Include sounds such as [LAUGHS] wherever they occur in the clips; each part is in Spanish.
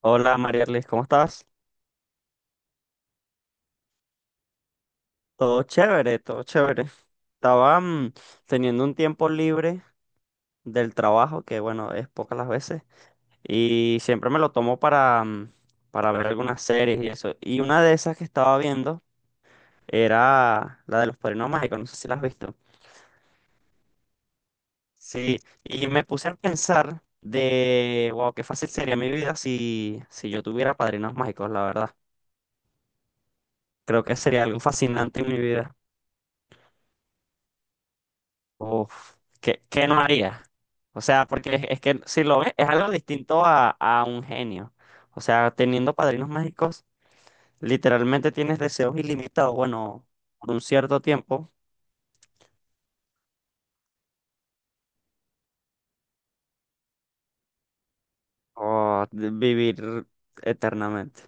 Hola Marialis, ¿cómo estás? Todo chévere, todo chévere. Estaba teniendo un tiempo libre del trabajo, que bueno, es pocas las veces, y siempre me lo tomo para para ver algunas series y eso. Y una de esas que estaba viendo era la de los Padrinos Mágicos, no sé si la has visto. Sí, y me puse a pensar de, wow, qué fácil sería mi vida si yo tuviera padrinos mágicos, la verdad. Creo que sería algo fascinante en mi vida. Uf, qué no haría? O sea, porque es que si lo ves, es algo distinto a un genio. O sea, teniendo padrinos mágicos, literalmente tienes deseos ilimitados, bueno, por un cierto tiempo, o de vivir eternamente.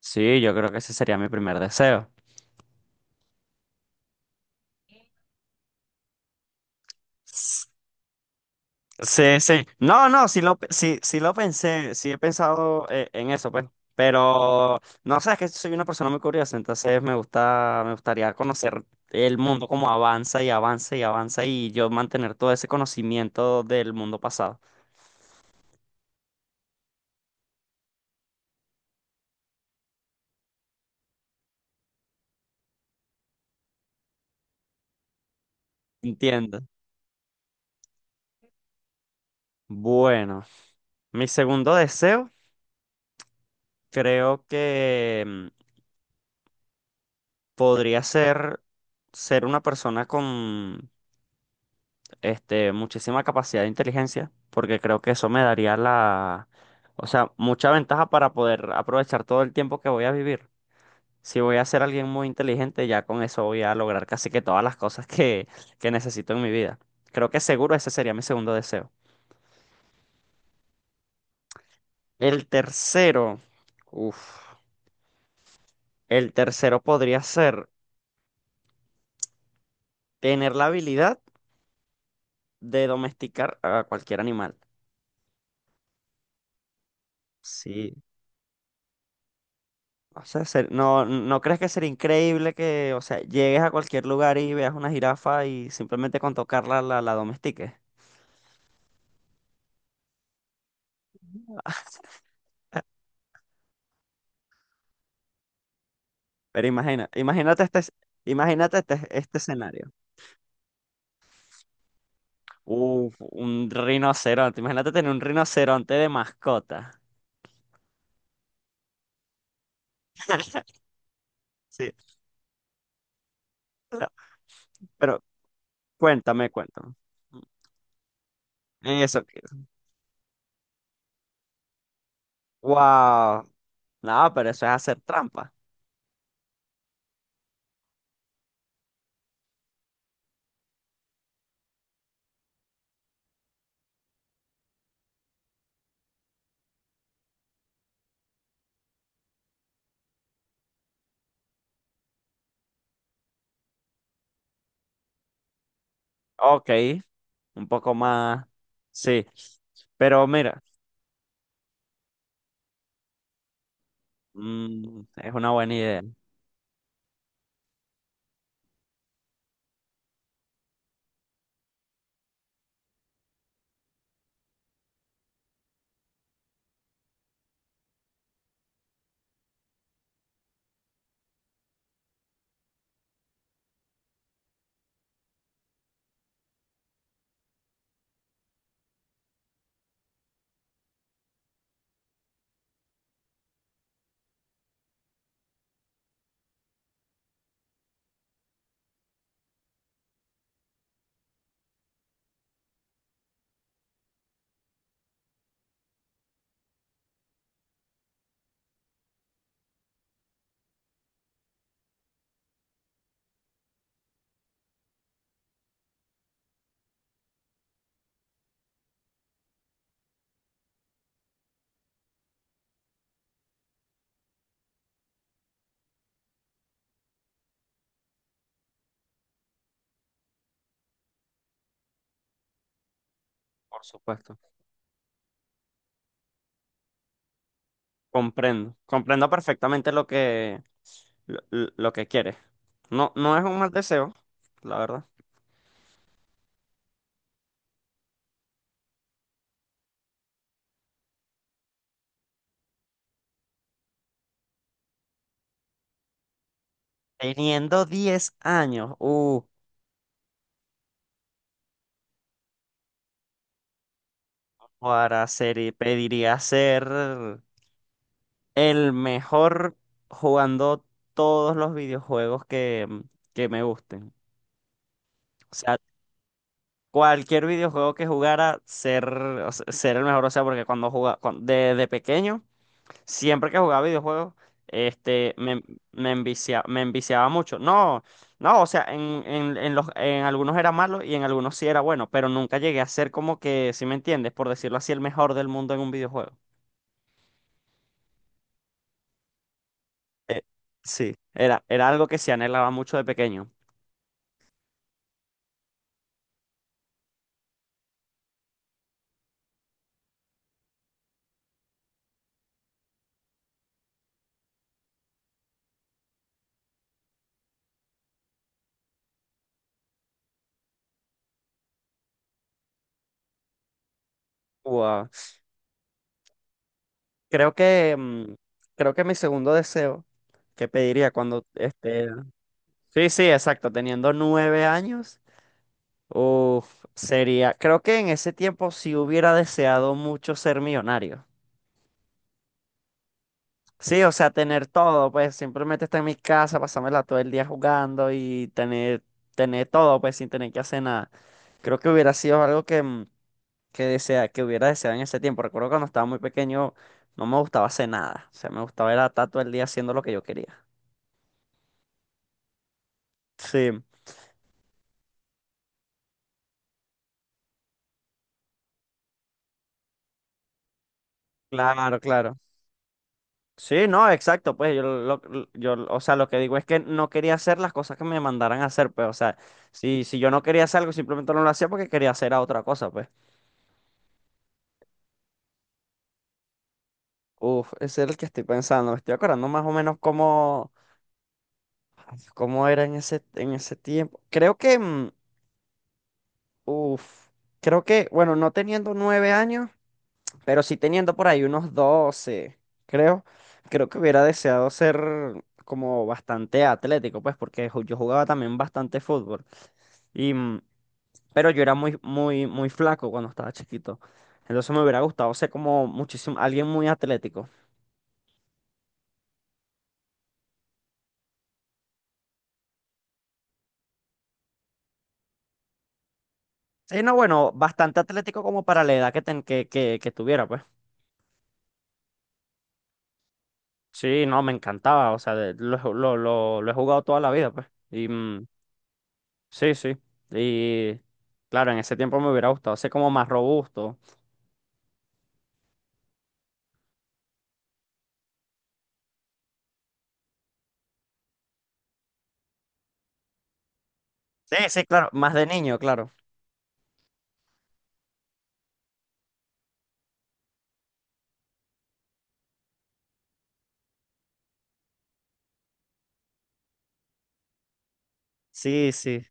Sí, yo creo que ese sería mi primer deseo. Sí, sí. No, no, sí, sí lo pensé, sí he pensado en eso, pues. Pero no sé, es que soy una persona muy curiosa, entonces me gusta, me gustaría conocer el mundo como avanza y avanza y avanza y yo mantener todo ese conocimiento del mundo pasado. Entiendo. Bueno, mi segundo deseo creo que podría ser ser una persona con muchísima capacidad de inteligencia, porque creo que eso me daría o sea, mucha ventaja para poder aprovechar todo el tiempo que voy a vivir. Si voy a ser alguien muy inteligente, ya con eso voy a lograr casi que todas las cosas que necesito en mi vida. Creo que seguro ese sería mi segundo deseo. El tercero, uff, el tercero podría ser tener la habilidad de domesticar a cualquier animal. Sí, No, ¿no crees que sería increíble que, o sea, llegues a cualquier lugar y veas una jirafa y simplemente con tocarla la domestiques? [LAUGHS] Pero imagina, imagínate este, este escenario. Uf, un rinoceronte. Imagínate tener un rinoceronte de mascota. [LAUGHS] Sí. Pero pero cuéntame, cuéntame. Eso que wow. No, pero eso es hacer trampa. Ok. Un poco más. Sí. Pero mira, es una buena idea. Por supuesto. Comprendo. Comprendo perfectamente lo que, lo, lo que quieres. No es un mal deseo, la verdad. Teniendo 10 años, y pediría ser el mejor jugando todos los videojuegos que que me gusten. O sea, cualquier videojuego que jugara, o sea, ser el mejor. O sea, porque cuando jugaba, desde pequeño. Siempre que jugaba videojuegos, este, me, me enviciaba mucho. No, no, o sea, en los, en algunos era malo y en algunos sí era bueno, pero nunca llegué a ser como que, si me entiendes, por decirlo así, el mejor del mundo en un videojuego. Eh, sí, era algo que se anhelaba mucho de pequeño. Wow. Creo que, creo que mi segundo deseo que pediría cuando, sí, sí, exacto, teniendo 9 años. Uf, sería, creo que en ese tiempo sí hubiera deseado mucho ser millonario. Sí, o sea, tener todo, pues simplemente estar en mi casa, pasármela todo el día jugando y tener todo, pues sin tener que hacer nada. Creo que hubiera sido algo que que hubiera deseado en ese tiempo. Recuerdo cuando estaba muy pequeño no me gustaba hacer nada, o sea, me gustaba era estar todo el día haciendo lo que yo quería. Sí, claro, claro. Sí, no, exacto, pues yo, o sea, lo que digo es que no quería hacer las cosas que me mandaran a hacer, pues, o sea, si yo no quería hacer algo, simplemente no lo hacía porque quería hacer a otra cosa, pues. Uf, ese es el que estoy pensando, me estoy acordando más o menos cómo era en en ese tiempo. Creo uf, que, bueno, no teniendo 9 años. Pero sí teniendo por ahí unos 12 creo, creo que hubiera deseado ser como bastante atlético, pues, porque yo jugaba también bastante fútbol. Y, pero yo era muy, muy, muy flaco cuando estaba chiquito. Entonces me hubiera gustado ser como muchísimo, alguien muy atlético. Sí, no, bueno, bastante atlético como para la edad que que tuviera, pues. Sí, no, me encantaba, o sea, de- lo, he ju- lo he jugado toda la vida, pues. Sí, sí. Y claro, en ese tiempo me hubiera gustado ser como más robusto. Sí, sí, claro, más de niño, claro. Sí, sí,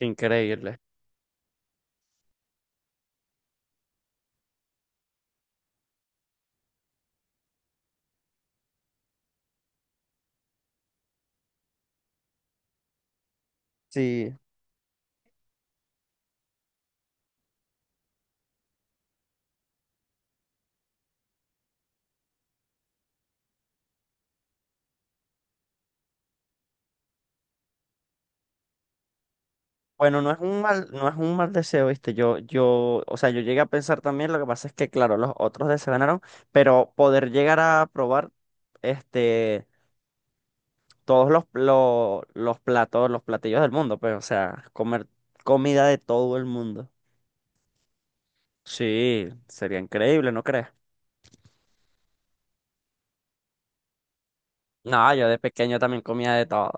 increíble. Sí. Bueno, no es un mal deseo, ¿viste? O sea, yo llegué a pensar también, lo que pasa es que, claro, los otros deseos ganaron, pero poder llegar a probar, este, todos los platos, los platillos del mundo, pues, o sea, comer comida de todo el mundo. Sí, sería increíble, ¿no crees? No, yo de pequeño también comía de todo.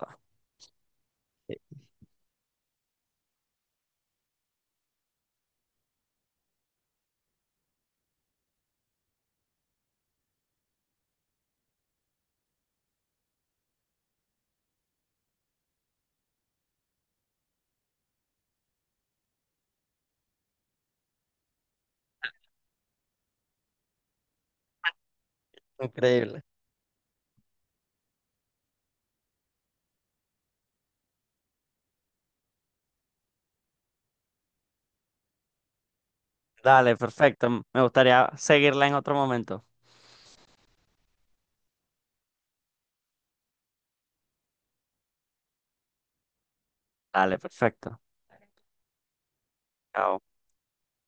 Increíble. Dale, perfecto. Me gustaría seguirla en otro momento. Dale, perfecto. Chao.